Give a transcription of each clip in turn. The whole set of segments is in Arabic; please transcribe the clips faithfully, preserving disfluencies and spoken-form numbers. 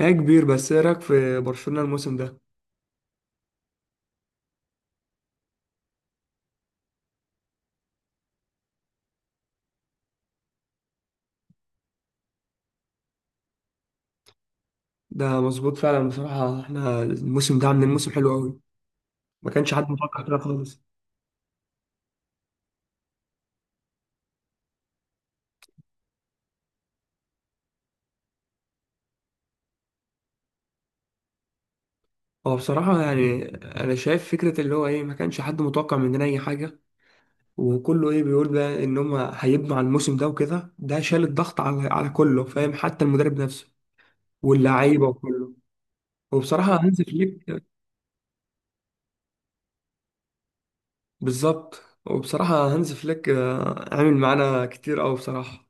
هي كبير، بس ايه رايك في برشلونة الموسم ده؟ ده مظبوط فعلا. بصراحة احنا الموسم ده عاملين موسم حلو قوي، ما كانش حد متوقع كده خالص. هو بصراحة يعني انا شايف فكرة اللي هو ايه، ما كانش حد متوقع مننا اي حاجة، وكله ايه بيقول بقى ان هم هيبنوا على الموسم ده، وكده ده شال الضغط على على كله، فاهم؟ حتى المدرب نفسه واللعيبة وكله. وبصراحة هانز فليك، بالظبط. وبصراحة هانز فليك آه، عامل معانا كتير قوي بصراحة.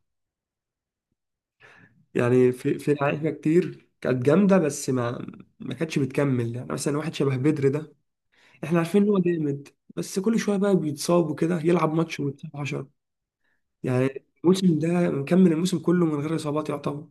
يعني في في لعيبه كتير كانت جامده، بس ما ما كانتش بتكمل. يعني مثلا واحد شبه بدر ده، احنا عارفين ان هو جامد، بس كل شويه بقى بيتصاب وكده، يلعب ماتش ويتصاب عشرة. يعني الموسم ده مكمل الموسم كله من غير اصابات يعتبر.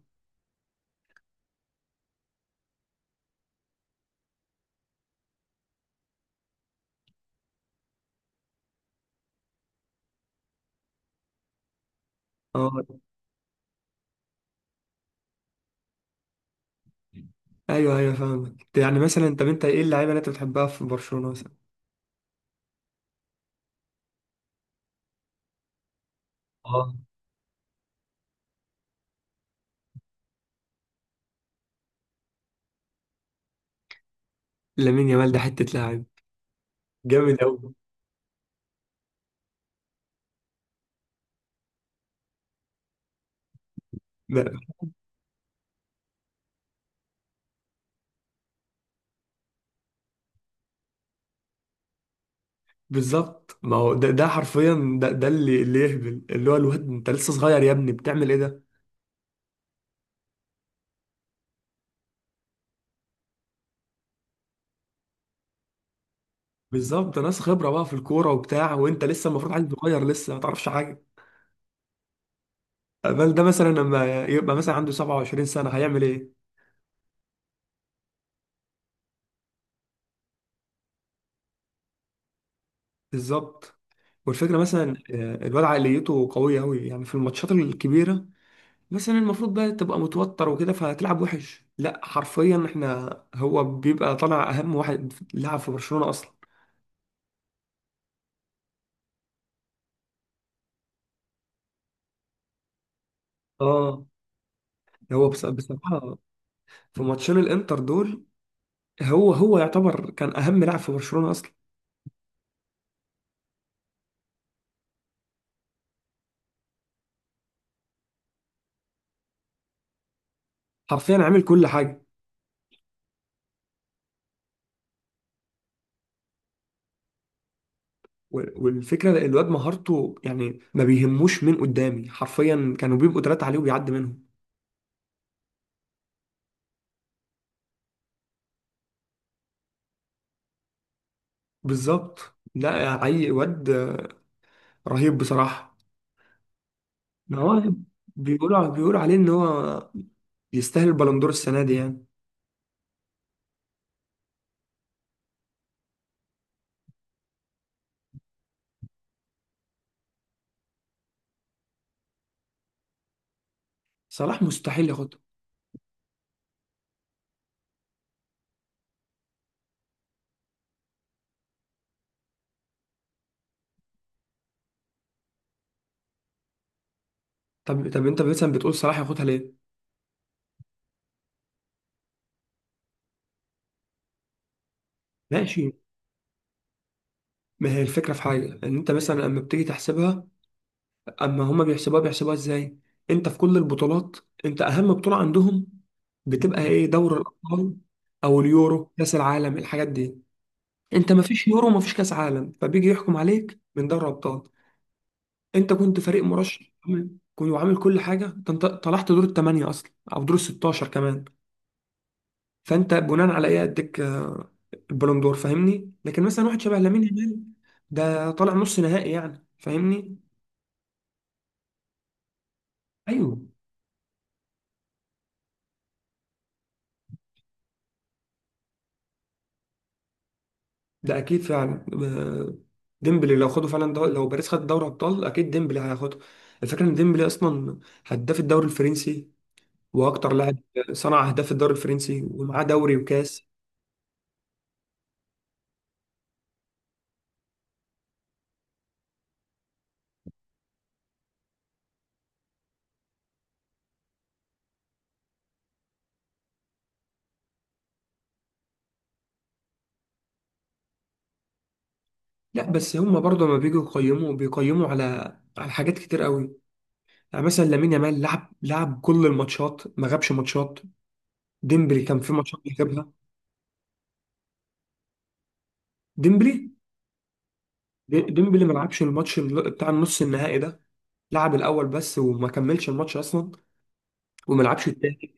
اه، ايوه ايوه فاهمك. يعني مثلا طب انت ايه اللعيبه اللي انت بتحبها في برشلونه مثلا؟ اه، لامين يامال ده حته لاعب جامد قوي. ده، بالظبط. ما هو ده ده حرفيا ده ده اللي اللي يهبل، اللي هو الواد انت لسه صغير يا ابني بتعمل ايه ده؟ بالظبط. ناس خبره بقى في الكوره وبتاع، وانت لسه المفروض عيل صغير لسه ما تعرفش حاجه. بل ده مثلا لما يبقى مثلا عنده سبعة وعشرين سنه هيعمل ايه؟ بالظبط. والفكره مثلا آه، الواد عقليته قويه قوي، يعني في الماتشات الكبيره مثلا المفروض بقى تبقى متوتر وكده فهتلعب وحش، لا حرفيا احنا، هو بيبقى طالع اهم واحد لعب في برشلونه اصلا. اه، هو بص- بصراحه في ماتشين الانتر دول، هو هو يعتبر كان اهم لاعب في برشلونه اصلا، حرفيا عامل كل حاجه. والفكرة الواد مهارته يعني ما بيهموش مين قدامي، حرفيا كانوا بيبقوا تلاتة عليه وبيعدي منهم. بالظبط. لا، عي واد رهيب بصراحة. ما هو بيقولوا بيقولوا عليه ان هو يستاهل البالندور السنة دي يعني. صلاح مستحيل ياخدها. طب طب انت مثلا بتقول صلاح ياخدها ليه؟ ماشي. ما هي الفكرة في حاجة، ان انت مثلا لما بتيجي تحسبها، اما هما بيحسبوها بيحسبوها ازاي؟ انت في كل البطولات، انت اهم بطولة عندهم بتبقى ايه؟ دوري الابطال او اليورو كاس العالم الحاجات دي. انت ما فيش يورو، ما فيش كاس عالم، فبيجي يحكم عليك من دوري ابطال. انت كنت فريق مرشح تمام، كنت وعامل كل حاجة، ده انت طلعت دور الثمانية اصلا او دور الستاشر كمان. فانت بناء على ايه اديك آه، البالون دور؟ فاهمني؟ لكن مثلا واحد شبه لامين يامال ده طالع نص نهائي يعني، فاهمني. ايوه، ده اكيد فعلا. آه، ديمبلي لو خدوا فعلا دو... لو باريس خد دوري ابطال اكيد ديمبلي هياخده. الفكره ان ديمبلي اصلا هداف الدوري الفرنسي، واكتر لاعب صنع اهداف الدوري الفرنسي، ومعاه دوري وكاس. لا بس هم برضه لما بيجوا يقيموا بيقيموا على على حاجات كتير قوي. يعني مثلا لامين يامال لعب لعب كل الماتشات ما غابش ماتشات. ديمبلي كان في ماتشات بيغيبها. ديمبلي دي- ديمبلي ما لعبش الماتش ال- بتاع النص النهائي ده، لعب الاول بس وما كملش الماتش اصلا وما لعبش التاني.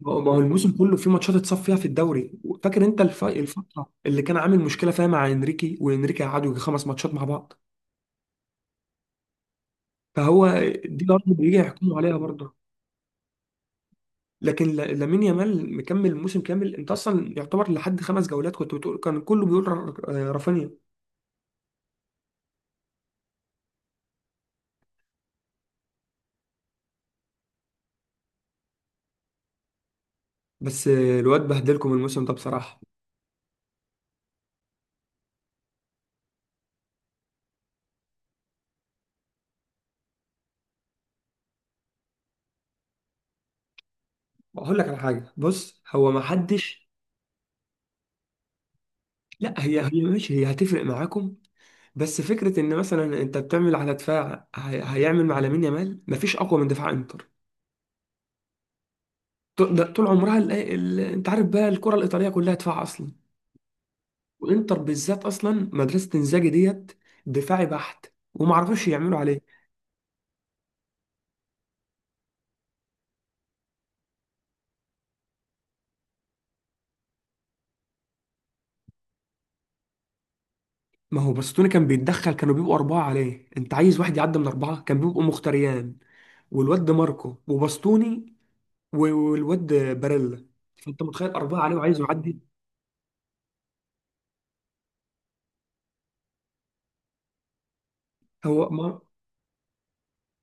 ما هو ما هو الموسم كله في ماتشات اتصف فيها في الدوري. فاكر انت الف... الفتره اللي كان عامل مشكله فيها مع انريكي، وانريكي قعدوا يجي خمس ماتشات مع بعض، فهو دي برضه بيجي يحكموا عليها برضه. لكن ل- لامين يامال مكمل موسم كامل، انت اصلا يعتبر لحد خمس جولات كنت بتقول كان كله بيقول ر- آه، رافينيا. بس آه، الواد بهدلكم الموسم ده بصراحه. اقول لك على حاجه، بص هو ما حدش. لا هي هي ماشي، هي هتفرق معاكم. بس فكره ان مثلا انت بتعمل على دفاع هي... هيعمل مع لامين يامال، مفيش اقوى من دفاع انتر. طول ده طول عمرها ال... ال... انت عارف بقى الكره الايطاليه كلها دفاع اصلا. وانتر بالذات اصلا مدرسه انزاجي ديت، دفاعي بحت، وما عرفوش يعملوا عليه. ما هو باستوني كان بيتدخل، كانوا بيبقوا اربعه عليه، انت عايز واحد يعدي من اربعه؟ كان بيبقوا مختريان والواد دي ماركو وباستوني و- والواد باريلا، فانت متخيل اربعه عليه وعايزه يعدي. هو ما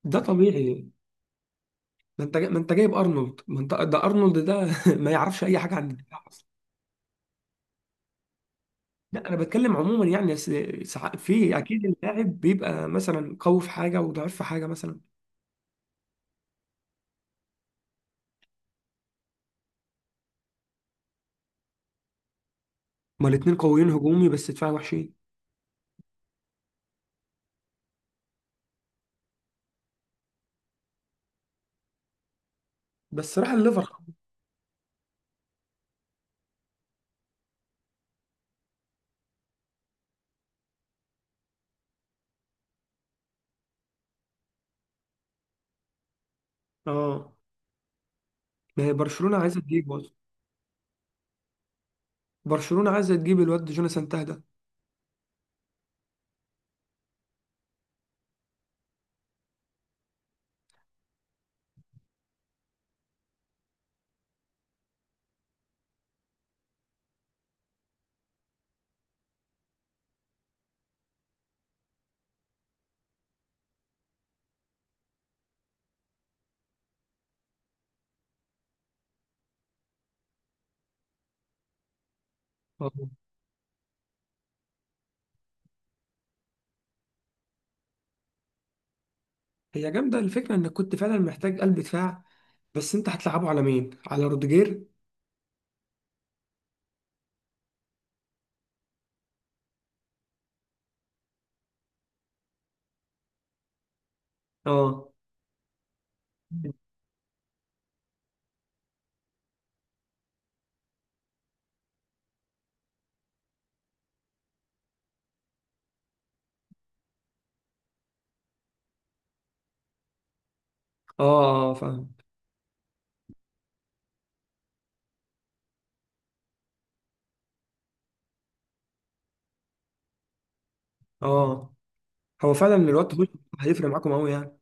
ده طبيعي. ما انت جا- ما انت جايب ارنولد، ما انت ده ارنولد ده ما يعرفش اي حاجه عن الدفاع. لا انا بتكلم عموما، يعني س- سع- في اكيد اللاعب بيبقى مثلا قوي في حاجه وضعيف في حاجه مثلا. هما الاثنين قويين هجومي بس دفاعي وحشين. بس راح الليفر. اه، ما هي برشلونه عايزه تجيب برضه، برشلونه عايزه تجيب الواد جوناثان تاه ده. آه. هي جامده، الفكره انك كنت فعلا محتاج قلب دفاع، بس انت هتلعبه على مين؟ على روديجير؟ اه اه اه فاهم. اه، هو فعلا الواد هوش هيفرق معاكم قوي يعني.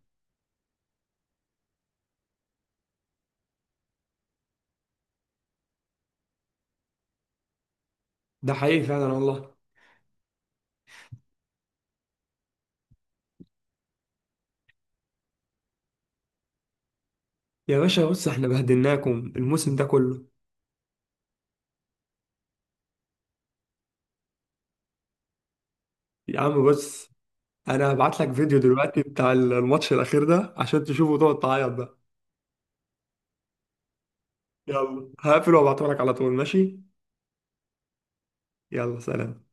ده حقيقي فعلا والله. يا باشا بص احنا بهدلناكم الموسم ده كله. يا عم بص انا هبعت لك فيديو دلوقتي بتاع الماتش الاخير ده عشان تشوفه وتقعد تعيط بقى. يلا هقفل وابعته لك على طول، ماشي؟ يلا سلام.